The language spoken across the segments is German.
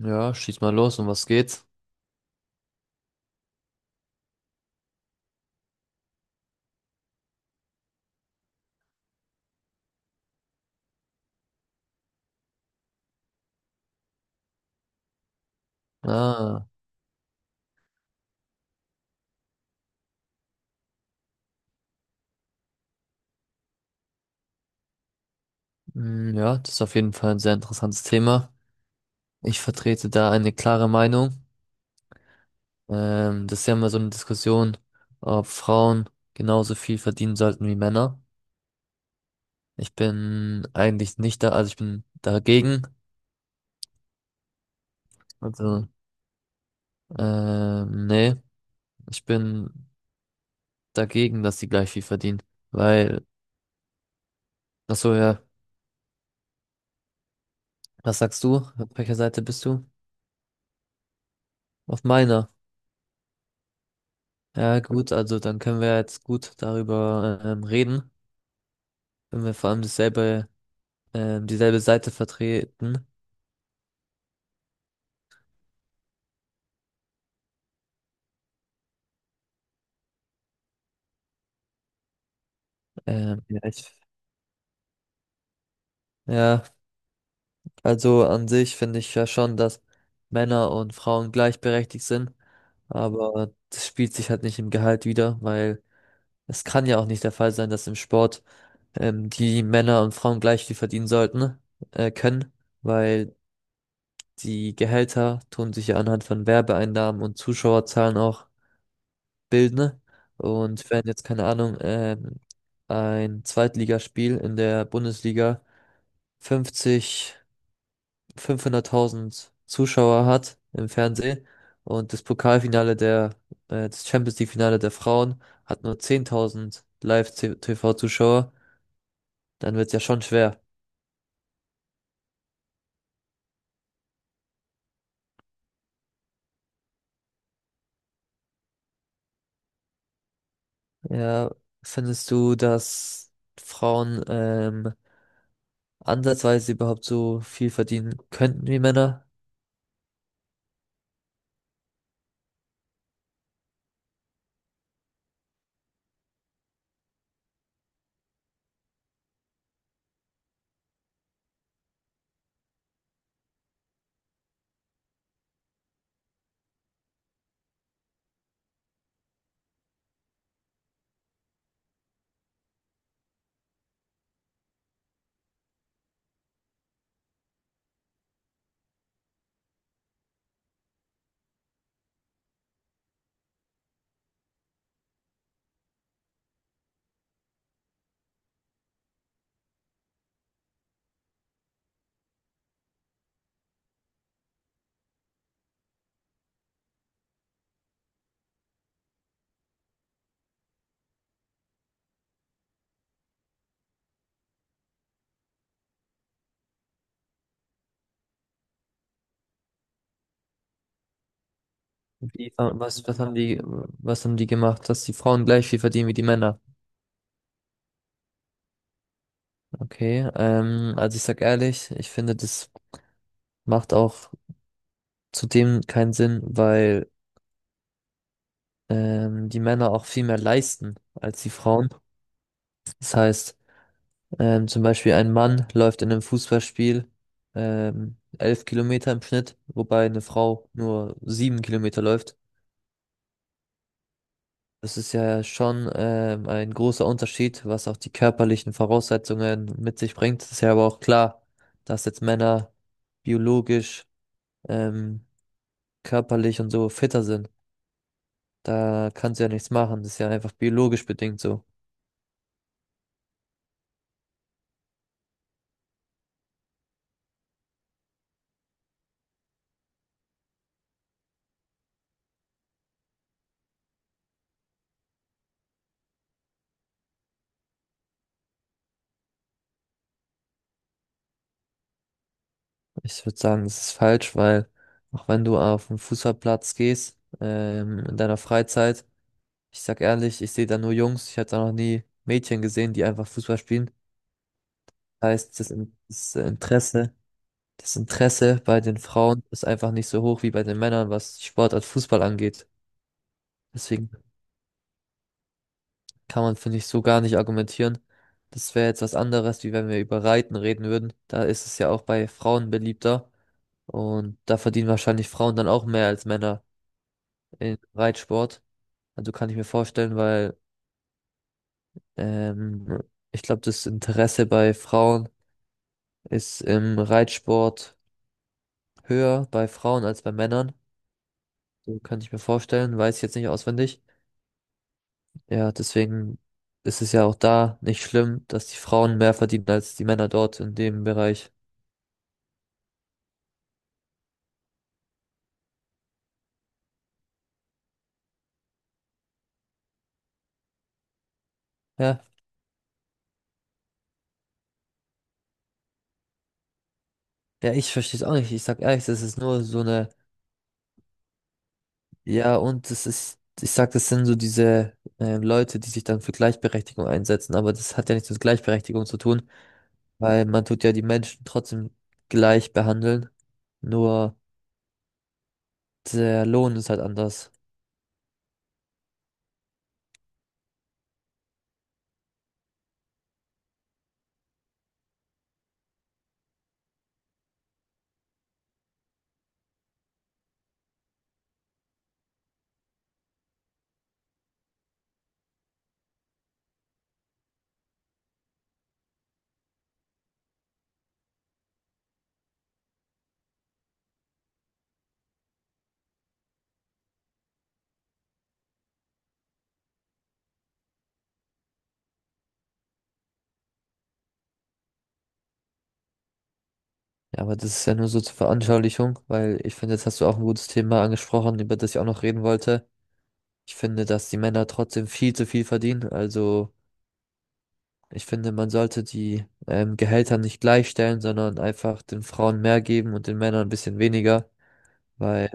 Ja, schieß mal los, um was geht's? Ah, mm, ja, das ist auf jeden Fall ein sehr interessantes Thema. Ich vertrete da eine klare Meinung. Das ist ja immer so eine Diskussion, ob Frauen genauso viel verdienen sollten wie Männer. Ich bin eigentlich nicht da, also ich bin dagegen. Also, nee, ich bin dagegen, dass die gleich viel verdienen. Weil, ach so, ja, was sagst du? Auf welcher Seite bist du? Auf meiner. Ja, gut, also dann können wir jetzt gut darüber reden, wenn wir vor allem dieselbe Seite vertreten. Ähm, ja, ich, ja, also an sich finde ich ja schon, dass Männer und Frauen gleichberechtigt sind, aber das spielt sich halt nicht im Gehalt wider, weil es kann ja auch nicht der Fall sein, dass im Sport die Männer und Frauen gleich viel verdienen sollten, können, weil die Gehälter tun sich ja anhand von Werbeeinnahmen und Zuschauerzahlen auch bilden, ne? Und wenn jetzt, keine Ahnung, ein Zweitligaspiel in der Bundesliga 50, 500.000 Zuschauer hat im Fernsehen und das Champions League-Finale der Frauen hat nur 10.000 Live-TV-Zuschauer, dann wird's ja schon schwer. Ja, findest du, dass Frauen ansatzweise überhaupt so viel verdienen könnten wie Männer? Wie, was haben die gemacht, dass die Frauen gleich viel verdienen wie die Männer? Okay, also ich sag ehrlich, ich finde, das macht auch zudem keinen Sinn, weil die Männer auch viel mehr leisten als die Frauen. Das heißt, zum Beispiel ein Mann läuft in einem Fußballspiel 11 Kilometer im Schnitt, wobei eine Frau nur 7 Kilometer läuft. Das ist ja schon ein großer Unterschied, was auch die körperlichen Voraussetzungen mit sich bringt. Ist ja aber auch klar, dass jetzt Männer biologisch, ähm, körperlich und so fitter sind. Da kannst du ja nichts machen. Das ist ja einfach biologisch bedingt so. Ich würde sagen, das ist falsch, weil auch wenn du auf den Fußballplatz gehst, in deiner Freizeit, ich sag ehrlich, ich sehe da nur Jungs. Ich habe da noch nie Mädchen gesehen, die einfach Fußball spielen. Das heißt, das Interesse. Das Interesse bei den Frauen ist einfach nicht so hoch wie bei den Männern, was die Sportart Fußball angeht. Deswegen kann man, finde ich, so gar nicht argumentieren. Das wäre jetzt was anderes, wie wenn wir über Reiten reden würden. Da ist es ja auch bei Frauen beliebter. Und da verdienen wahrscheinlich Frauen dann auch mehr als Männer im Reitsport. Also kann ich mir vorstellen, weil ähm, ich glaube, das Interesse bei Frauen ist im Reitsport höher bei Frauen als bei Männern. So könnte ich mir vorstellen, weiß ich jetzt nicht auswendig. Ja, deswegen ist es ja auch da nicht schlimm, dass die Frauen mehr verdienen als die Männer dort in dem Bereich. Ja, ja, ich verstehe es auch nicht. Ich sag ehrlich, das ist nur so eine, ja, und das ist, ich sag, das sind so diese Leute, die sich dann für Gleichberechtigung einsetzen, aber das hat ja nichts mit Gleichberechtigung zu tun, weil man tut ja die Menschen trotzdem gleich behandeln, nur der Lohn ist halt anders. Ja, aber das ist ja nur so zur Veranschaulichung, weil ich finde, jetzt hast du auch ein gutes Thema angesprochen, über das ich auch noch reden wollte. Ich finde, dass die Männer trotzdem viel zu viel verdienen. Also ich finde, man sollte die Gehälter nicht gleichstellen, sondern einfach den Frauen mehr geben und den Männern ein bisschen weniger. Weil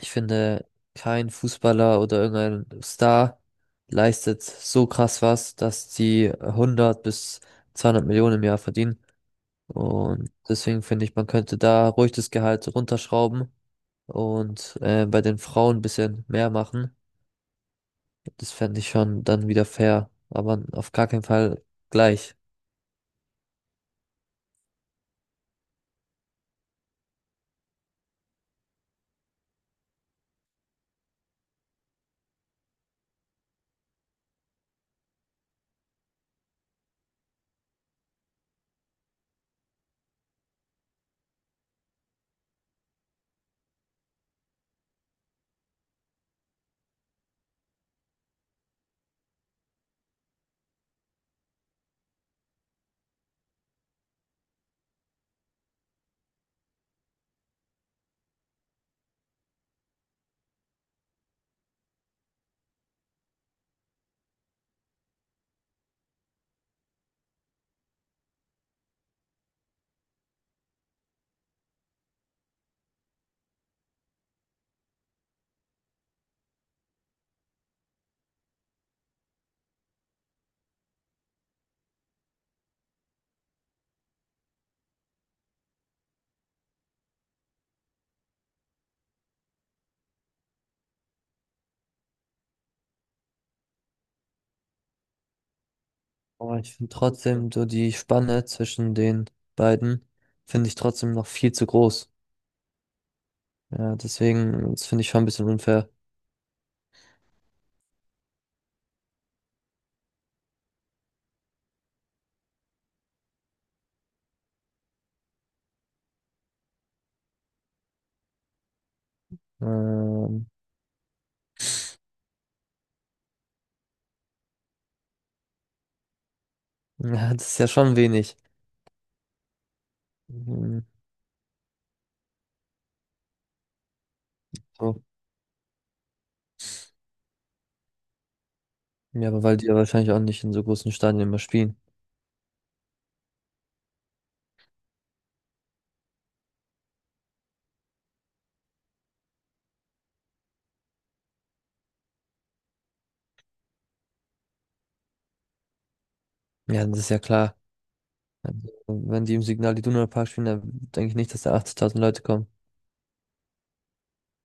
ich finde, kein Fußballer oder irgendein Star leistet so krass was, dass die hundert bis 200 Millionen im Jahr verdienen. Und deswegen finde ich, man könnte da ruhig das Gehalt runterschrauben und bei den Frauen ein bisschen mehr machen. Das fände ich schon dann wieder fair, aber auf gar keinen Fall gleich. Aber ich finde trotzdem so die Spanne zwischen den beiden finde ich trotzdem noch viel zu groß. Ja, deswegen, das finde ich schon ein bisschen unfair. Ähm, ja, das ist ja schon wenig. Mhm, so. Ja, aber weil die ja wahrscheinlich auch nicht in so großen Stadien immer spielen. Ja, das ist ja klar. Also, wenn die im Signal Iduna Park spielen, dann denke ich nicht, dass da 80.000 Leute kommen.